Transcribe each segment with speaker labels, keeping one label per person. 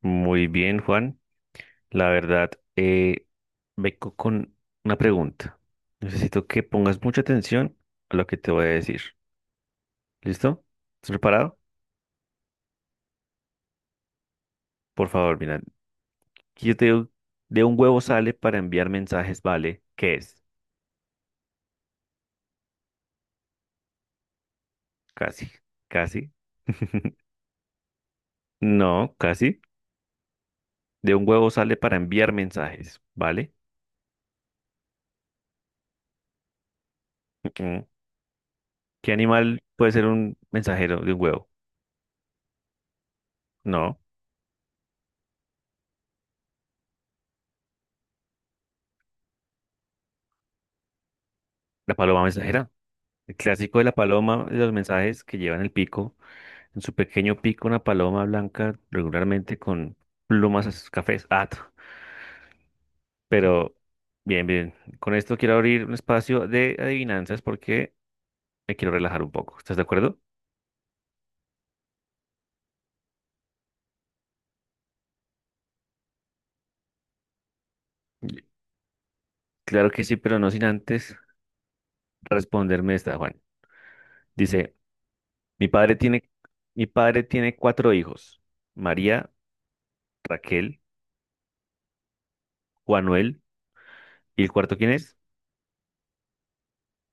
Speaker 1: Muy bien, Juan. La verdad, eh, vengo con una pregunta. Necesito que pongas mucha atención a lo que te voy a decir. ¿Listo? ¿Estás preparado? Por favor, mira. Si yo te digo, de un huevo sale para enviar mensajes, ¿vale? ¿Qué es? Casi, casi. No, casi. De un huevo sale para enviar mensajes, ¿vale? Ujú. ¿Qué animal puede ser un mensajero de un huevo? No, la paloma mensajera. El clásico de la paloma, de los mensajes que llevan el pico. En su pequeño pico, una paloma blanca, regularmente con plumas cafés. Ah, pero bien, bien. Con esto quiero abrir un espacio de adivinanzas porque me quiero relajar un poco. ¿Estás de acuerdo? Y- Claro que sí, pero no sin antes responderme esta, Juan. Dice, mi padre tiene, mi padre tiene cuatro hijos. María, Raquel, Juanuel, ¿y el cuarto quién es?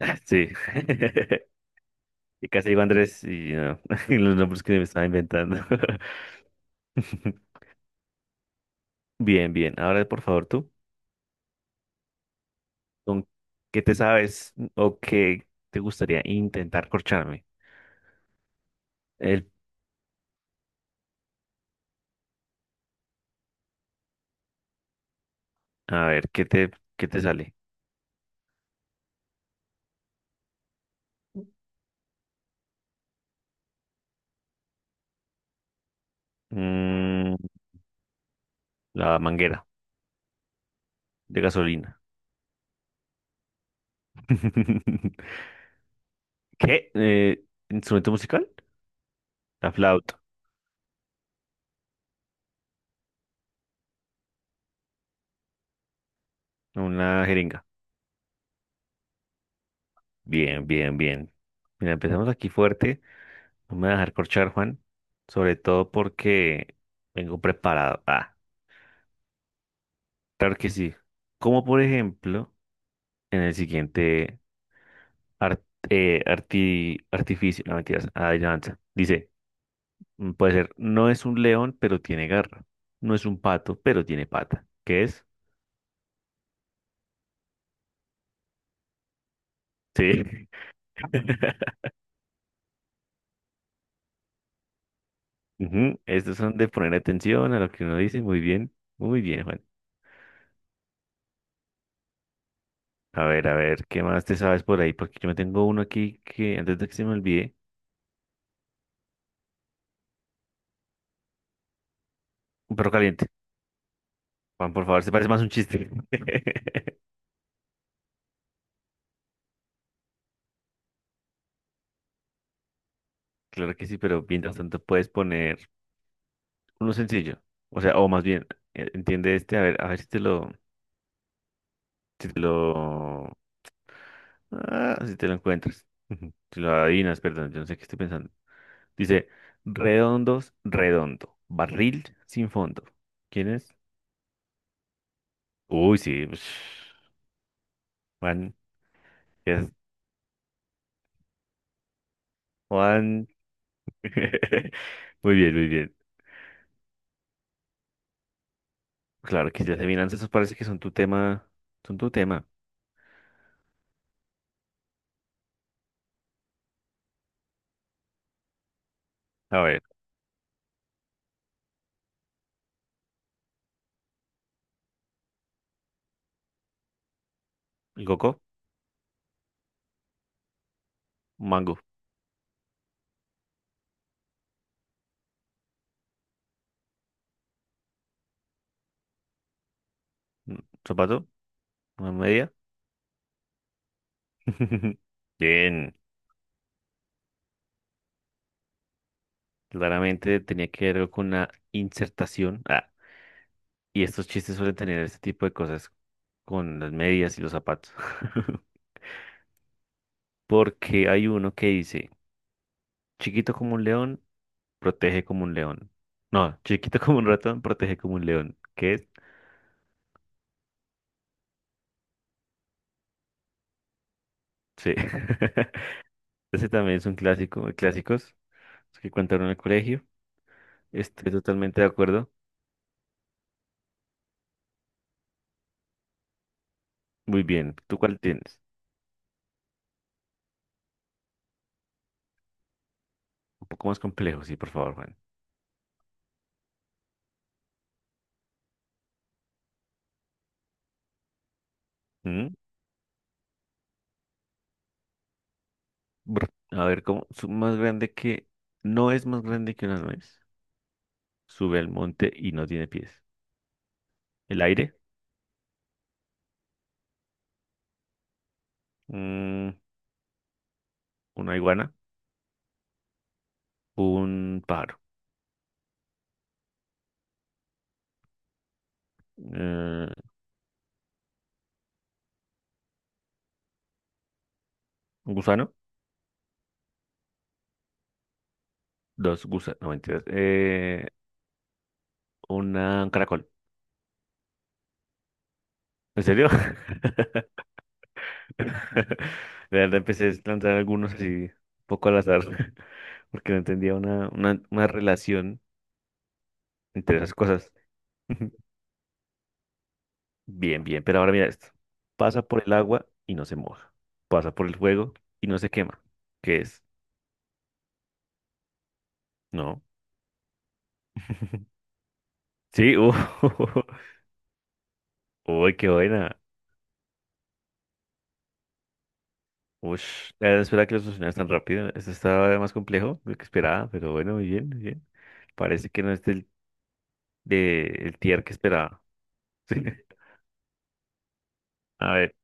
Speaker 1: Ah, sí. Y casi digo Andrés y no, los nombres que me estaba inventando. Bien, bien. Ahora, por favor, tú, ¿con qué te sabes o qué te gustaría intentar corcharme? El, a ver, ¿qué te sale? Mm, la manguera de gasolina. ¿Qué? ¿Instrumento musical? La flauta. Una jeringa. Bien, bien, bien. Mira, empezamos aquí fuerte. No me voy a dejar corchar, Juan. Sobre todo porque vengo preparado. Ah, claro que sí. Como por ejemplo, en el siguiente. Art- artificio, no mentiras, adivinanza. Dice, puede ser, no es un león, pero tiene garra. No es un pato, pero tiene pata. ¿Qué es? Sí. Ujú, estos son de poner atención a lo que uno dice. Muy bien, Juan. A ver, ¿qué más te sabes por ahí? Porque yo me tengo uno aquí que antes de que se me olvide, un perro caliente. Juan, por favor, se parece más a un chiste. Claro que sí, pero mientras tanto puedes poner uno sencillo. O sea, o más bien, entiende este, a ver si te lo. Si te lo... Ah, si te lo encuentras. Si lo adivinas, perdón, yo no sé qué estoy pensando. Dice, redondo, barril sin fondo. ¿Quién es? Uy, sí. Ush, Juan. Es Juan. Muy bien, muy bien. Claro que ya se miran, esos parece que son tu tema. Son tu tema. A ver, coco, mango, mm, zapato, una media. Bien. Claramente tenía que ver con una insertación. Ah, y estos chistes suelen tener este tipo de cosas con las medias y los zapatos. Porque hay uno que dice, chiquito como un león, protege como un león. No, chiquito como un ratón, protege como un león. ¿Qué es? Sí. Ese también es un clásico, de clásicos los que contaron en el colegio. Estoy totalmente de acuerdo. Muy bien. ¿Tú cuál tienes? Un poco más complejo, sí, por favor, Juan. ¿Mm? Brr. A ver, ¿cómo? Más grande que... No es más grande que una nuez. Sube al monte y no tiene pies. El aire, un- una iguana, un pájaro, eh, un gusano, dos gusanos, no mentiras, un caracol. ¿En serio? De verdad empecé a lanzar algunos así, un poco al azar, porque no entendía una relación entre esas cosas. Bien, bien, pero ahora mira esto. Pasa por el agua y no se moja. Pasa por el fuego y no se quema. ¿Qué es? No. Sí, Uy, qué buena. Ush, la verdad espera que lo solucionaras tan rápido. Esto estaba más complejo de lo que esperaba, pero bueno, muy bien, muy bien. Parece que no es el tier que esperaba. Sí. A ver,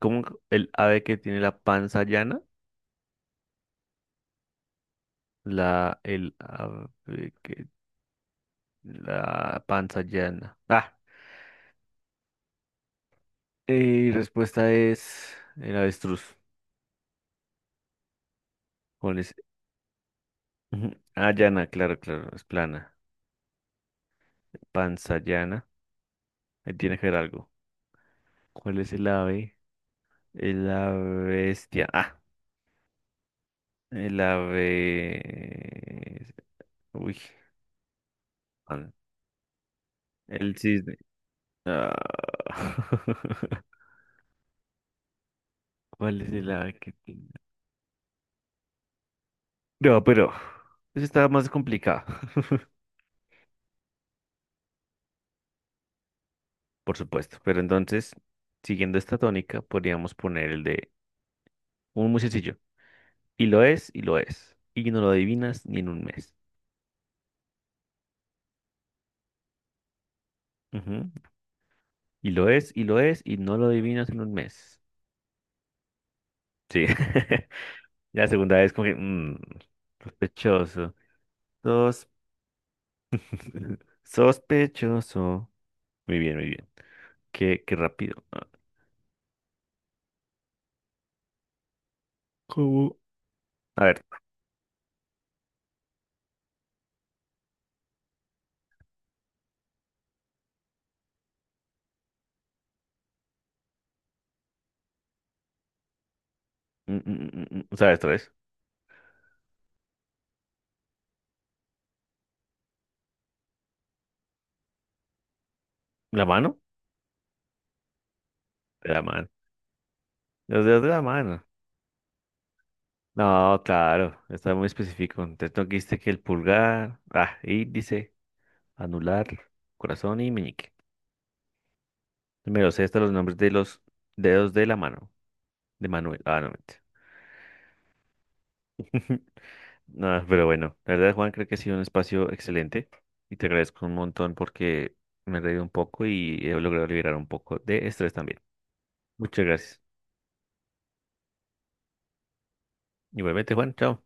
Speaker 1: ¿cómo el ave que tiene la panza llana? El ave que, la panza llana. Ah, y respuesta es el avestruz. ¿Cuál es? Ujú. Ah, llana, claro, claro, es plana. Panza llana, ahí tiene que ver algo. ¿Cuál es el ave? La bestia. Ah. La B. Uy, man, el cisne. No. ¿Cuál es el ave que tiene? No, pero eso está más complicado, por supuesto. Pero entonces, siguiendo esta tónica, podríamos poner el de un muy sencillo. Y lo es, y lo es. Y no lo adivinas ni en un mes. Ujú. Y lo es, y lo es, y no lo adivinas en un mes. Sí. La segunda vez como que, sospechoso. Sos- sospechoso. Muy bien, muy bien. Qué rápido. Ah, ¿cómo? A ver, ¿sabes otra vez? ¿La mano? De la mano. Los dedos de la mano. No, claro, está muy específico. Entonces no quiste que el pulgar, ah, índice, anular, corazón y meñique. Me lo sé hasta los nombres de los dedos de la mano. De Manuel. Ah, no, mentira. No, pero bueno, la verdad, Juan, creo que ha sido un espacio excelente y te agradezco un montón porque me he reído un poco y he logrado liberar un poco de estrés también. Muchas gracias. Igualmente, Juan, chao.